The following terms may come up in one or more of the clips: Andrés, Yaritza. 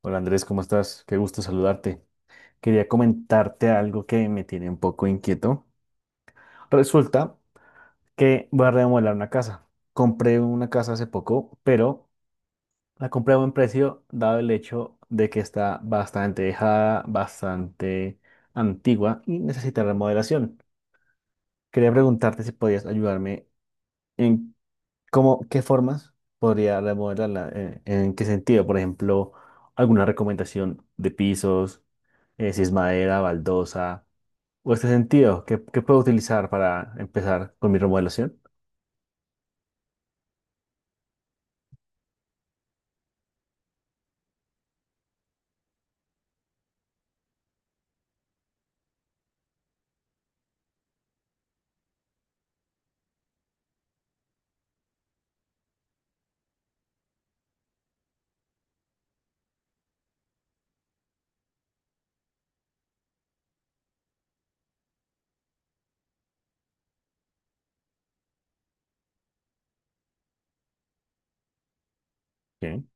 Hola Andrés, ¿cómo estás? Qué gusto saludarte. Quería comentarte algo que me tiene un poco inquieto. Resulta que voy a remodelar una casa. Compré una casa hace poco, pero la compré a buen precio dado el hecho de que está bastante dejada, bastante antigua y necesita remodelación. Quería preguntarte si podías ayudarme en ¿cómo, qué formas podría remodelarla? ¿En, qué sentido? Por ejemplo, alguna recomendación de pisos, si es madera, baldosa, o este sentido, ¿qué, qué puedo utilizar para empezar con mi remodelación? Bien,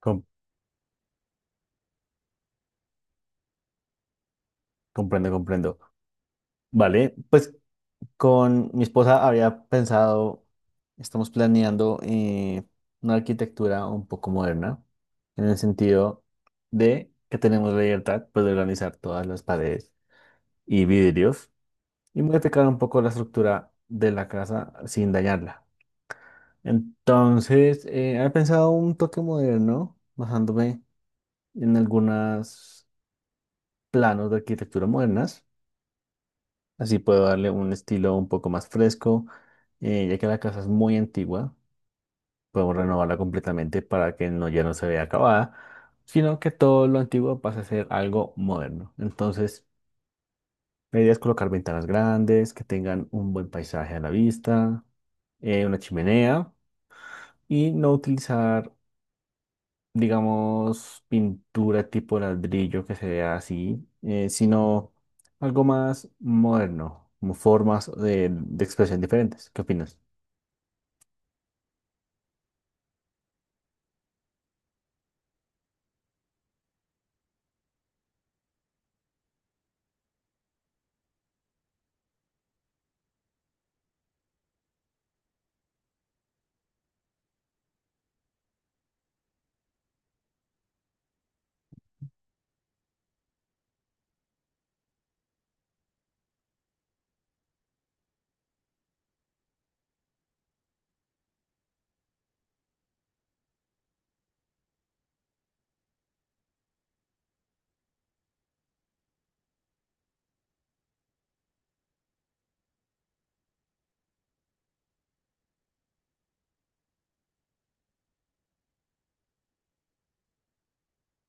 com- comprendo, comprendo. Vale, pues con mi esposa había pensado, estamos planeando una arquitectura un poco moderna, en el sentido de que tenemos la libertad pues, de organizar todas las paredes y vidrios y modificar un poco la estructura de la casa sin dañarla. Entonces, he pensado un toque moderno, basándome en algunos planos de arquitectura modernas. Así puedo darle un estilo un poco más fresco, ya que la casa es muy antigua. Podemos renovarla completamente para que no, ya no se vea acabada, sino que todo lo antiguo pase a ser algo moderno. Entonces, la idea es colocar ventanas grandes, que tengan un buen paisaje a la vista, una chimenea. Y no utilizar, digamos, pintura tipo ladrillo que se vea así, sino algo más moderno, como formas de expresión diferentes. ¿Qué opinas?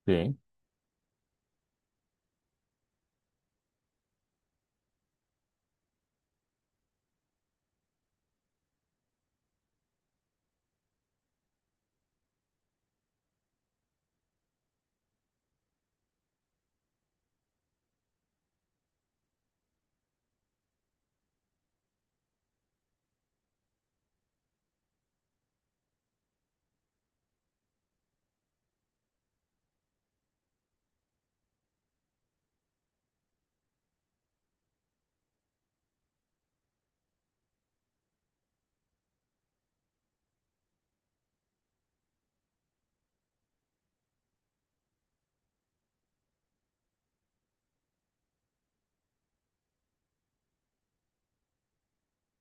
Sí,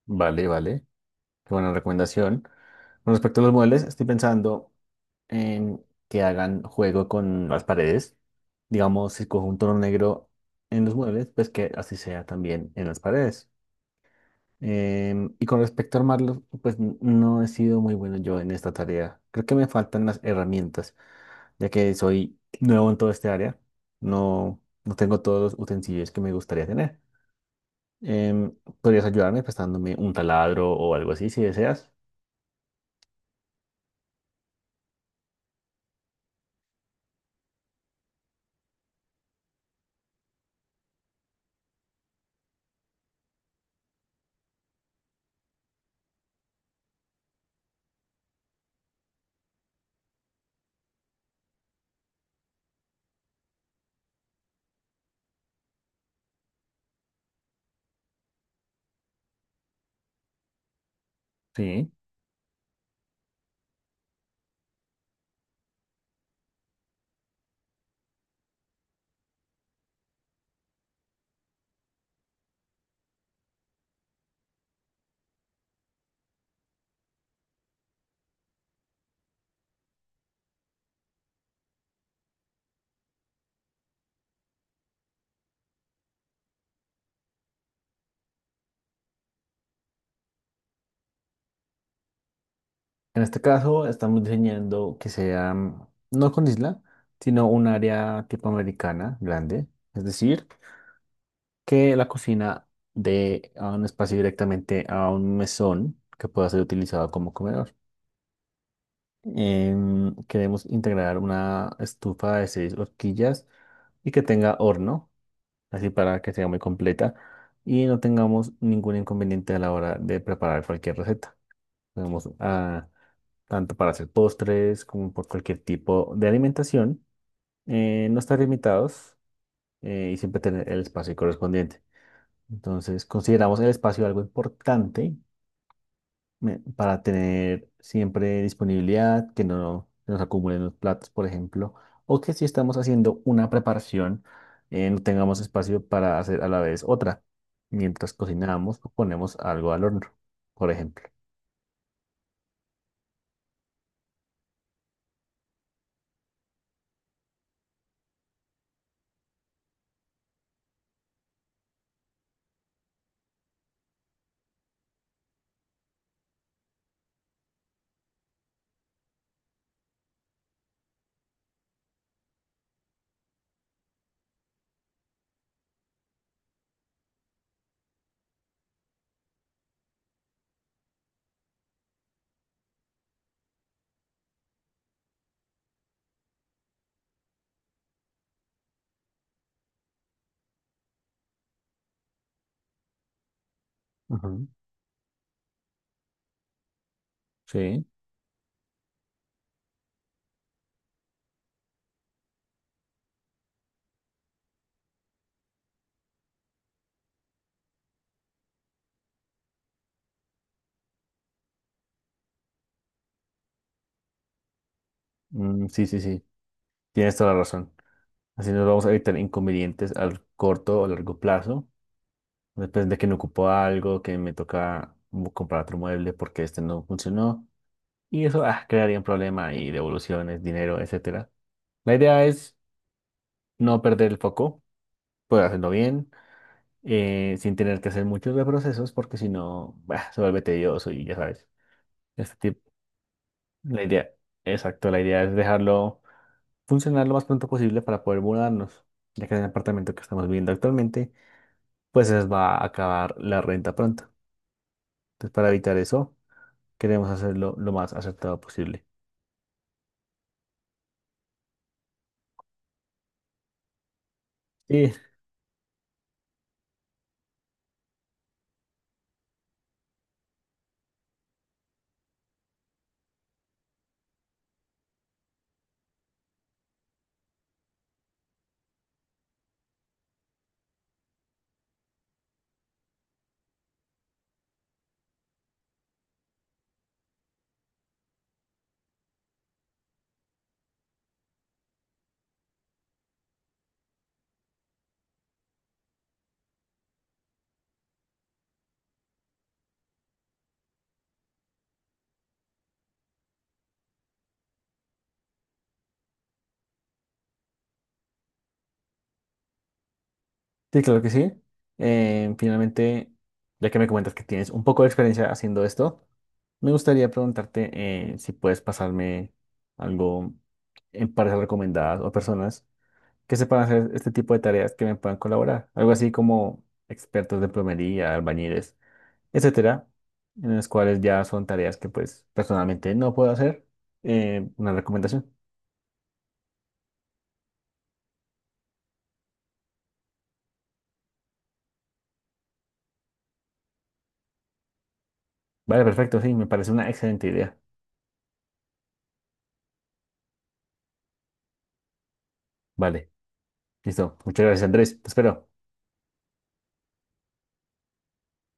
vale, vale. Qué buena recomendación. Con respecto a los muebles, estoy pensando en que hagan juego con las paredes. Digamos, si cojo un tono negro en los muebles, pues que así sea también en las paredes. Y con respecto a armarlo, pues no he sido muy bueno yo en esta tarea. Creo que me faltan las herramientas, ya que soy nuevo en todo este área. No tengo todos los utensilios que me gustaría tener. Em, ¿Podrías ayudarme prestándome un taladro o algo así si deseas? Sí. En este caso, estamos diseñando que sea no con isla, sino un área tipo americana grande. Es decir, que la cocina de a un espacio directamente a un mesón que pueda ser utilizado como comedor. Queremos integrar una estufa de seis horquillas y que tenga horno, así para que sea muy completa y no tengamos ningún inconveniente a la hora de preparar cualquier receta. Tenemos ah, tanto para hacer postres como por cualquier tipo de alimentación. No estar limitados y siempre tener el espacio correspondiente. Entonces, consideramos el espacio algo importante para tener siempre disponibilidad, que no se nos acumulen los platos, por ejemplo, o que si estamos haciendo una preparación, no tengamos espacio para hacer a la vez otra, mientras cocinamos o ponemos algo al horno, por ejemplo. Ujú. Sí, mm, sí, sí, sí, tienes toda la razón. Así nos vamos a evitar inconvenientes al corto o largo plazo. Después de que me ocupó algo, que me toca comprar otro mueble porque este no funcionó. Y eso ah, crearía un problema y devoluciones, dinero, etcétera. La idea es no perder el foco, poder hacerlo bien, sin tener que hacer muchos de procesos porque si no, bah, se vuelve tedioso y ya sabes. Este tipo, la idea, exacto, la idea es dejarlo funcionar lo más pronto posible para poder mudarnos, ya que en el apartamento que estamos viviendo actualmente, pues se les va a acabar la renta pronto. Entonces, para evitar eso queremos hacerlo lo más acertado posible. Sí, sí, claro que sí. Finalmente, ya que me comentas que tienes un poco de experiencia haciendo esto, me gustaría preguntarte si puedes pasarme algo en parejas recomendadas o personas que sepan hacer este tipo de tareas que me puedan colaborar. Algo así como expertos de plomería, albañiles, etcétera, en las cuales ya son tareas que pues personalmente no puedo hacer. Una recomendación. Vale, perfecto, sí, me parece una excelente idea. Vale. Listo. Muchas gracias, Andrés. Te espero.